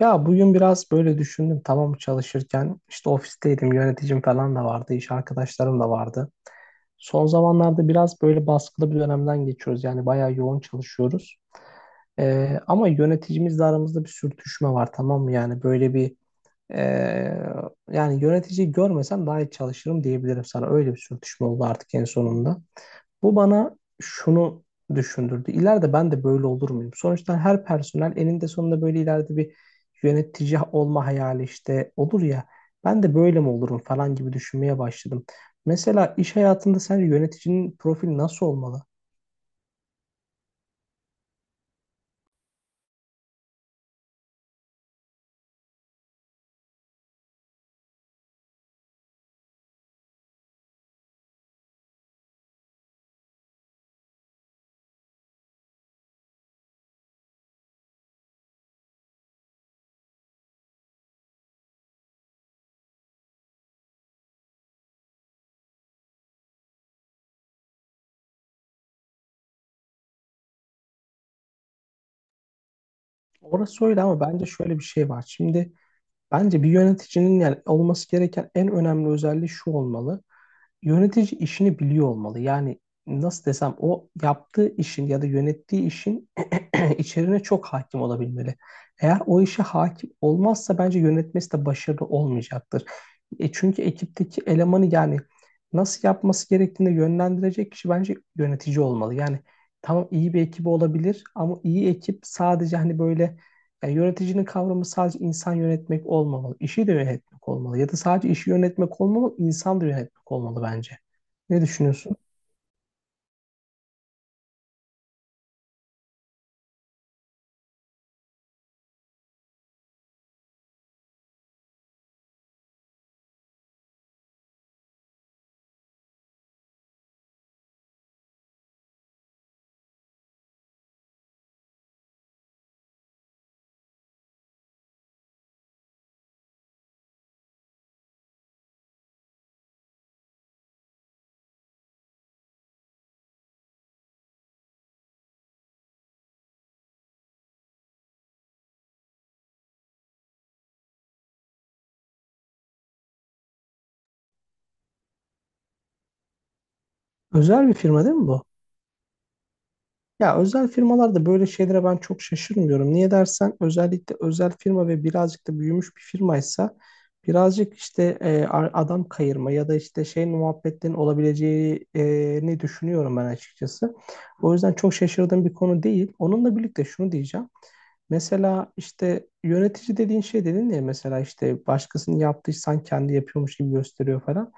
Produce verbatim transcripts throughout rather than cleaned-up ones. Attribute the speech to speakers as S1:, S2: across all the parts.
S1: Ya bugün biraz böyle düşündüm, tamam, çalışırken işte ofisteydim, yöneticim falan da vardı, iş arkadaşlarım da vardı. Son zamanlarda biraz böyle baskılı bir dönemden geçiyoruz, yani bayağı yoğun çalışıyoruz. Ee, ama yöneticimizle aramızda bir sürtüşme var, tamam mı, yani böyle bir ee, yani yöneticiyi görmesem daha iyi çalışırım diyebilirim sana. Öyle bir sürtüşme oldu artık en sonunda. Bu bana şunu düşündürdü. İleride ben de böyle olur muyum? Sonuçta her personel eninde sonunda böyle ileride bir yönetici olma hayali işte olur ya. Ben de böyle mi olurum falan gibi düşünmeye başladım. Mesela iş hayatında sence yöneticinin profili nasıl olmalı? Orası öyle, ama bence şöyle bir şey var. Şimdi bence bir yöneticinin, yani olması gereken en önemli özelliği şu olmalı. Yönetici işini biliyor olmalı. Yani nasıl desem, o yaptığı işin ya da yönettiği işin içeriğine çok hakim olabilmeli. Eğer o işe hakim olmazsa bence yönetmesi de başarılı olmayacaktır. E çünkü ekipteki elemanı, yani nasıl yapması gerektiğini yönlendirecek kişi bence yönetici olmalı. Yani tamam, iyi bir ekibi olabilir ama iyi ekip sadece hani böyle, yani yöneticinin kavramı sadece insan yönetmek olmamalı. İşi de yönetmek olmalı. Ya da sadece işi yönetmek olmamalı, insan da yönetmek olmalı bence. Ne düşünüyorsun? Özel bir firma değil mi bu? Ya özel firmalarda böyle şeylere ben çok şaşırmıyorum. Niye dersen, özellikle özel firma ve birazcık da büyümüş bir firmaysa birazcık işte e, a- adam kayırma ya da işte şey muhabbetlerin olabileceğini düşünüyorum ben açıkçası. O yüzden çok şaşırdığım bir konu değil. Onunla birlikte şunu diyeceğim. Mesela işte yönetici dediğin şey, dedin ya, mesela işte başkasının yaptıysan kendi yapıyormuş gibi gösteriyor falan.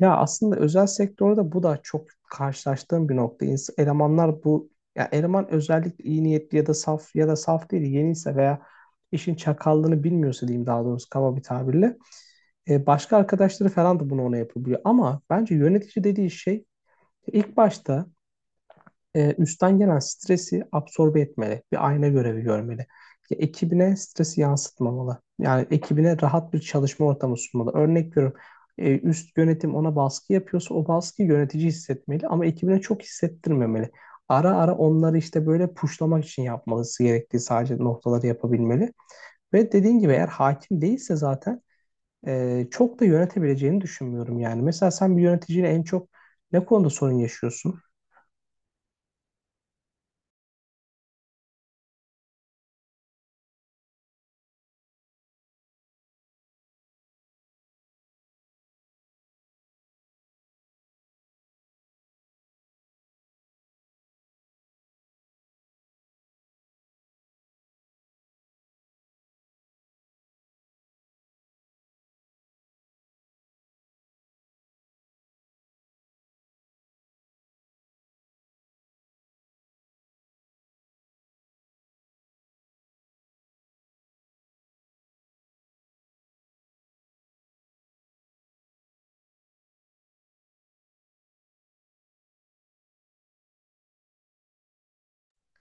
S1: Ya aslında özel sektörde bu da çok karşılaştığım bir nokta. İns- Elemanlar bu, ya eleman özellikle iyi niyetli ya da saf ya da saf değil yeniyse veya işin çakallığını bilmiyorsa diyeyim, daha doğrusu kaba bir tabirle, e, başka arkadaşları falan da bunu ona yapabiliyor. Ama bence yönetici dediği şey ilk başta e, üstten gelen stresi absorbe etmeli. Bir ayna görevi görmeli. Ya, ekibine stresi yansıtmamalı. Yani ekibine rahat bir çalışma ortamı sunmalı. Örnek veriyorum, e, üst yönetim ona baskı yapıyorsa o baskıyı yönetici hissetmeli ama ekibine çok hissettirmemeli. Ara ara onları işte böyle puşlamak için yapmalısı gerektiği sadece noktaları yapabilmeli. Ve dediğin gibi, eğer hakim değilse zaten e, çok da yönetebileceğini düşünmüyorum yani. Mesela sen bir yöneticiyle en çok ne konuda sorun yaşıyorsun?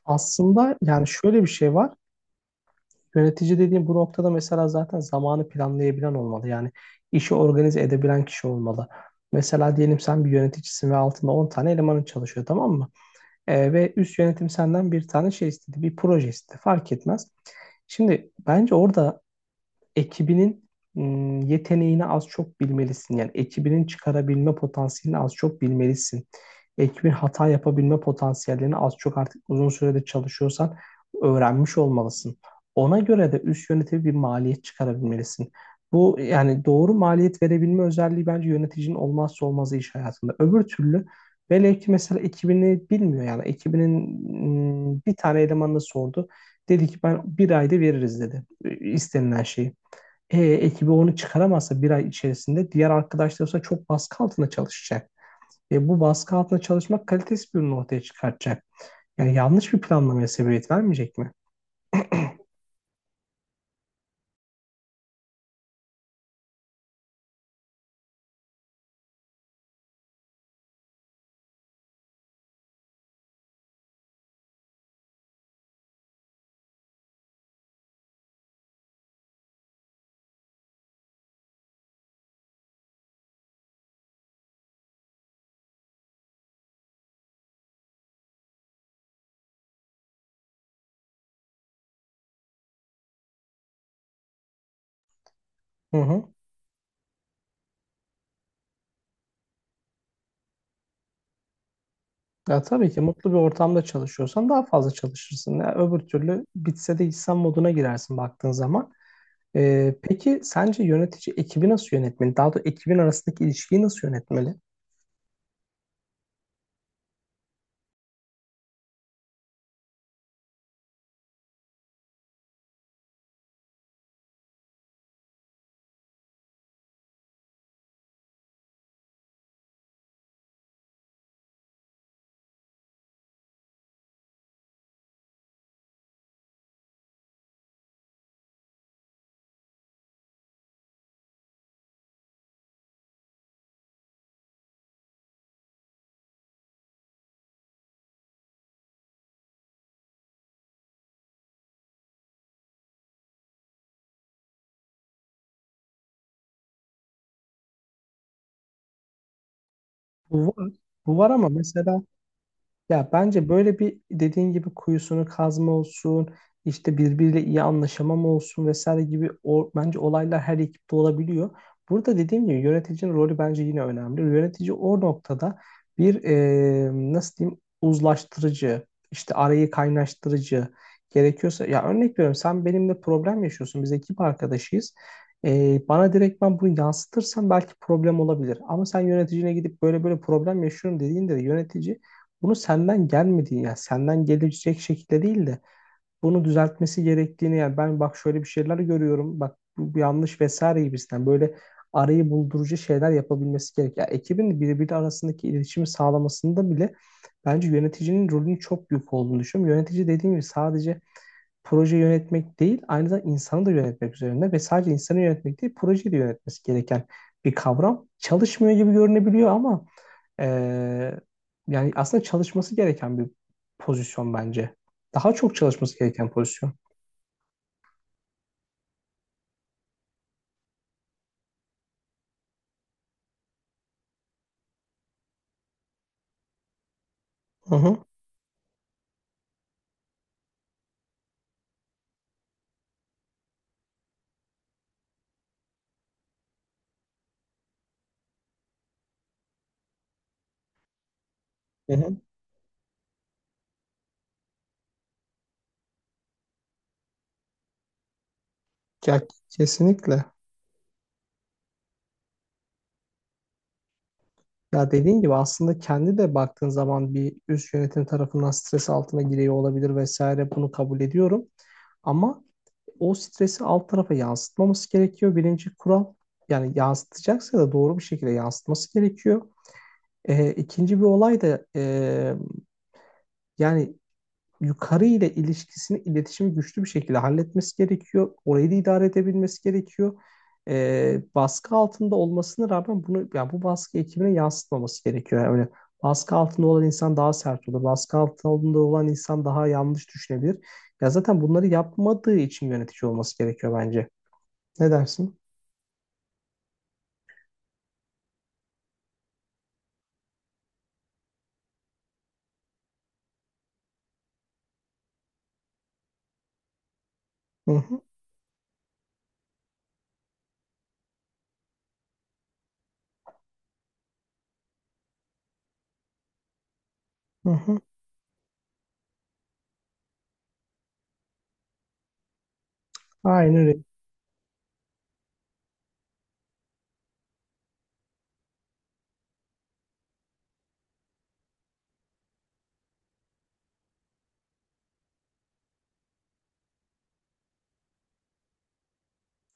S1: Aslında yani şöyle bir şey var. Yönetici dediğim bu noktada mesela zaten zamanı planlayabilen olmalı. Yani işi organize edebilen kişi olmalı. Mesela diyelim sen bir yöneticisin ve altında on tane elemanın çalışıyor, tamam mı? Ee, ve üst yönetim senden bir tane şey istedi, bir proje istedi. Fark etmez. Şimdi bence orada ekibinin ım, yeteneğini az çok bilmelisin. Yani ekibinin çıkarabilme potansiyelini az çok bilmelisin. Ekibin hata yapabilme potansiyellerini az çok artık uzun sürede çalışıyorsan öğrenmiş olmalısın. Ona göre de üst yönetimi bir maliyet çıkarabilmelisin. Bu yani doğru maliyet verebilme özelliği bence yöneticinin olmazsa olmazı iş hayatında. Öbür türlü velev ki mesela ekibini bilmiyor, yani ekibinin ım, bir tane elemanını sordu. Dedi ki ben bir ayda veririz dedi e, istenilen şeyi. E, ekibi onu çıkaramazsa bir ay içerisinde diğer arkadaşları ise çok baskı altında çalışacak. E, bu baskı altında çalışmak kalitesiz bir ürün ortaya çıkartacak. Yani yanlış bir planlamaya sebebiyet vermeyecek mi? Hı hı. Ya tabii ki mutlu bir ortamda çalışıyorsan daha fazla çalışırsın. Ya öbür türlü bitse de insan moduna girersin baktığın zaman. Ee, peki sence yönetici ekibi nasıl yönetmeli? Daha doğrusu ekibin arasındaki ilişkiyi nasıl yönetmeli? Bu var, bu var ama mesela, ya bence böyle bir dediğin gibi kuyusunu kazma olsun, işte birbiriyle iyi anlaşamam olsun vesaire gibi o, bence olaylar her ekipte olabiliyor. Burada dediğim gibi yöneticinin rolü bence yine önemli. Yönetici o noktada bir, e, nasıl diyeyim, uzlaştırıcı, işte arayı kaynaştırıcı gerekiyorsa. Ya örnek veriyorum, sen benimle problem yaşıyorsun, biz ekip arkadaşıyız. E, bana direkt ben bunu yansıtırsan belki problem olabilir. Ama sen yöneticine gidip böyle böyle problem yaşıyorum dediğinde de yönetici bunu senden gelmediğini, yani senden gelecek şekilde değil de bunu düzeltmesi gerektiğini, yani ben bak şöyle bir şeyler görüyorum, bak bu yanlış vesaire gibisinden böyle arayı buldurucu şeyler yapabilmesi gerek. Yani ekibin birbiri arasındaki iletişimi sağlamasında bile bence yöneticinin rolünün çok büyük olduğunu düşünüyorum. Yönetici dediğim gibi sadece proje yönetmek değil, aynı zamanda insanı da yönetmek üzerine ve sadece insanı yönetmek değil, projeyi de yönetmesi gereken bir kavram. Çalışmıyor gibi görünebiliyor ama ee, yani aslında çalışması gereken bir pozisyon bence. Daha çok çalışması gereken pozisyon. Hı hı, hı hı. Ya kesinlikle. Ya dediğin gibi aslında kendi de baktığın zaman bir üst yönetim tarafından stres altına giriyor olabilir vesaire, bunu kabul ediyorum. Ama o stresi alt tarafa yansıtmaması gerekiyor. Birinci kural, yani yansıtacaksa da doğru bir şekilde yansıtması gerekiyor. Ee, ikinci bir olay da, e, yani yukarı ile ilişkisini, iletişimi güçlü bir şekilde halletmesi gerekiyor. Orayı da idare edebilmesi gerekiyor. Ee, baskı altında olmasına rağmen bunu, yani bu baskı ekibine yansıtmaması gerekiyor. Yani öyle, baskı altında olan insan daha sert olur. Baskı altında olan insan daha yanlış düşünebilir. Ya zaten bunları yapmadığı için yönetici olması gerekiyor bence. Ne dersin? Hı hı, hı hı. Aynen öyle.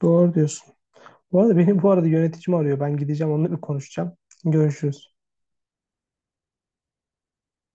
S1: Doğru diyorsun. Bu arada benim, bu arada, yöneticim arıyor. Ben gideceğim, onunla bir konuşacağım. Görüşürüz.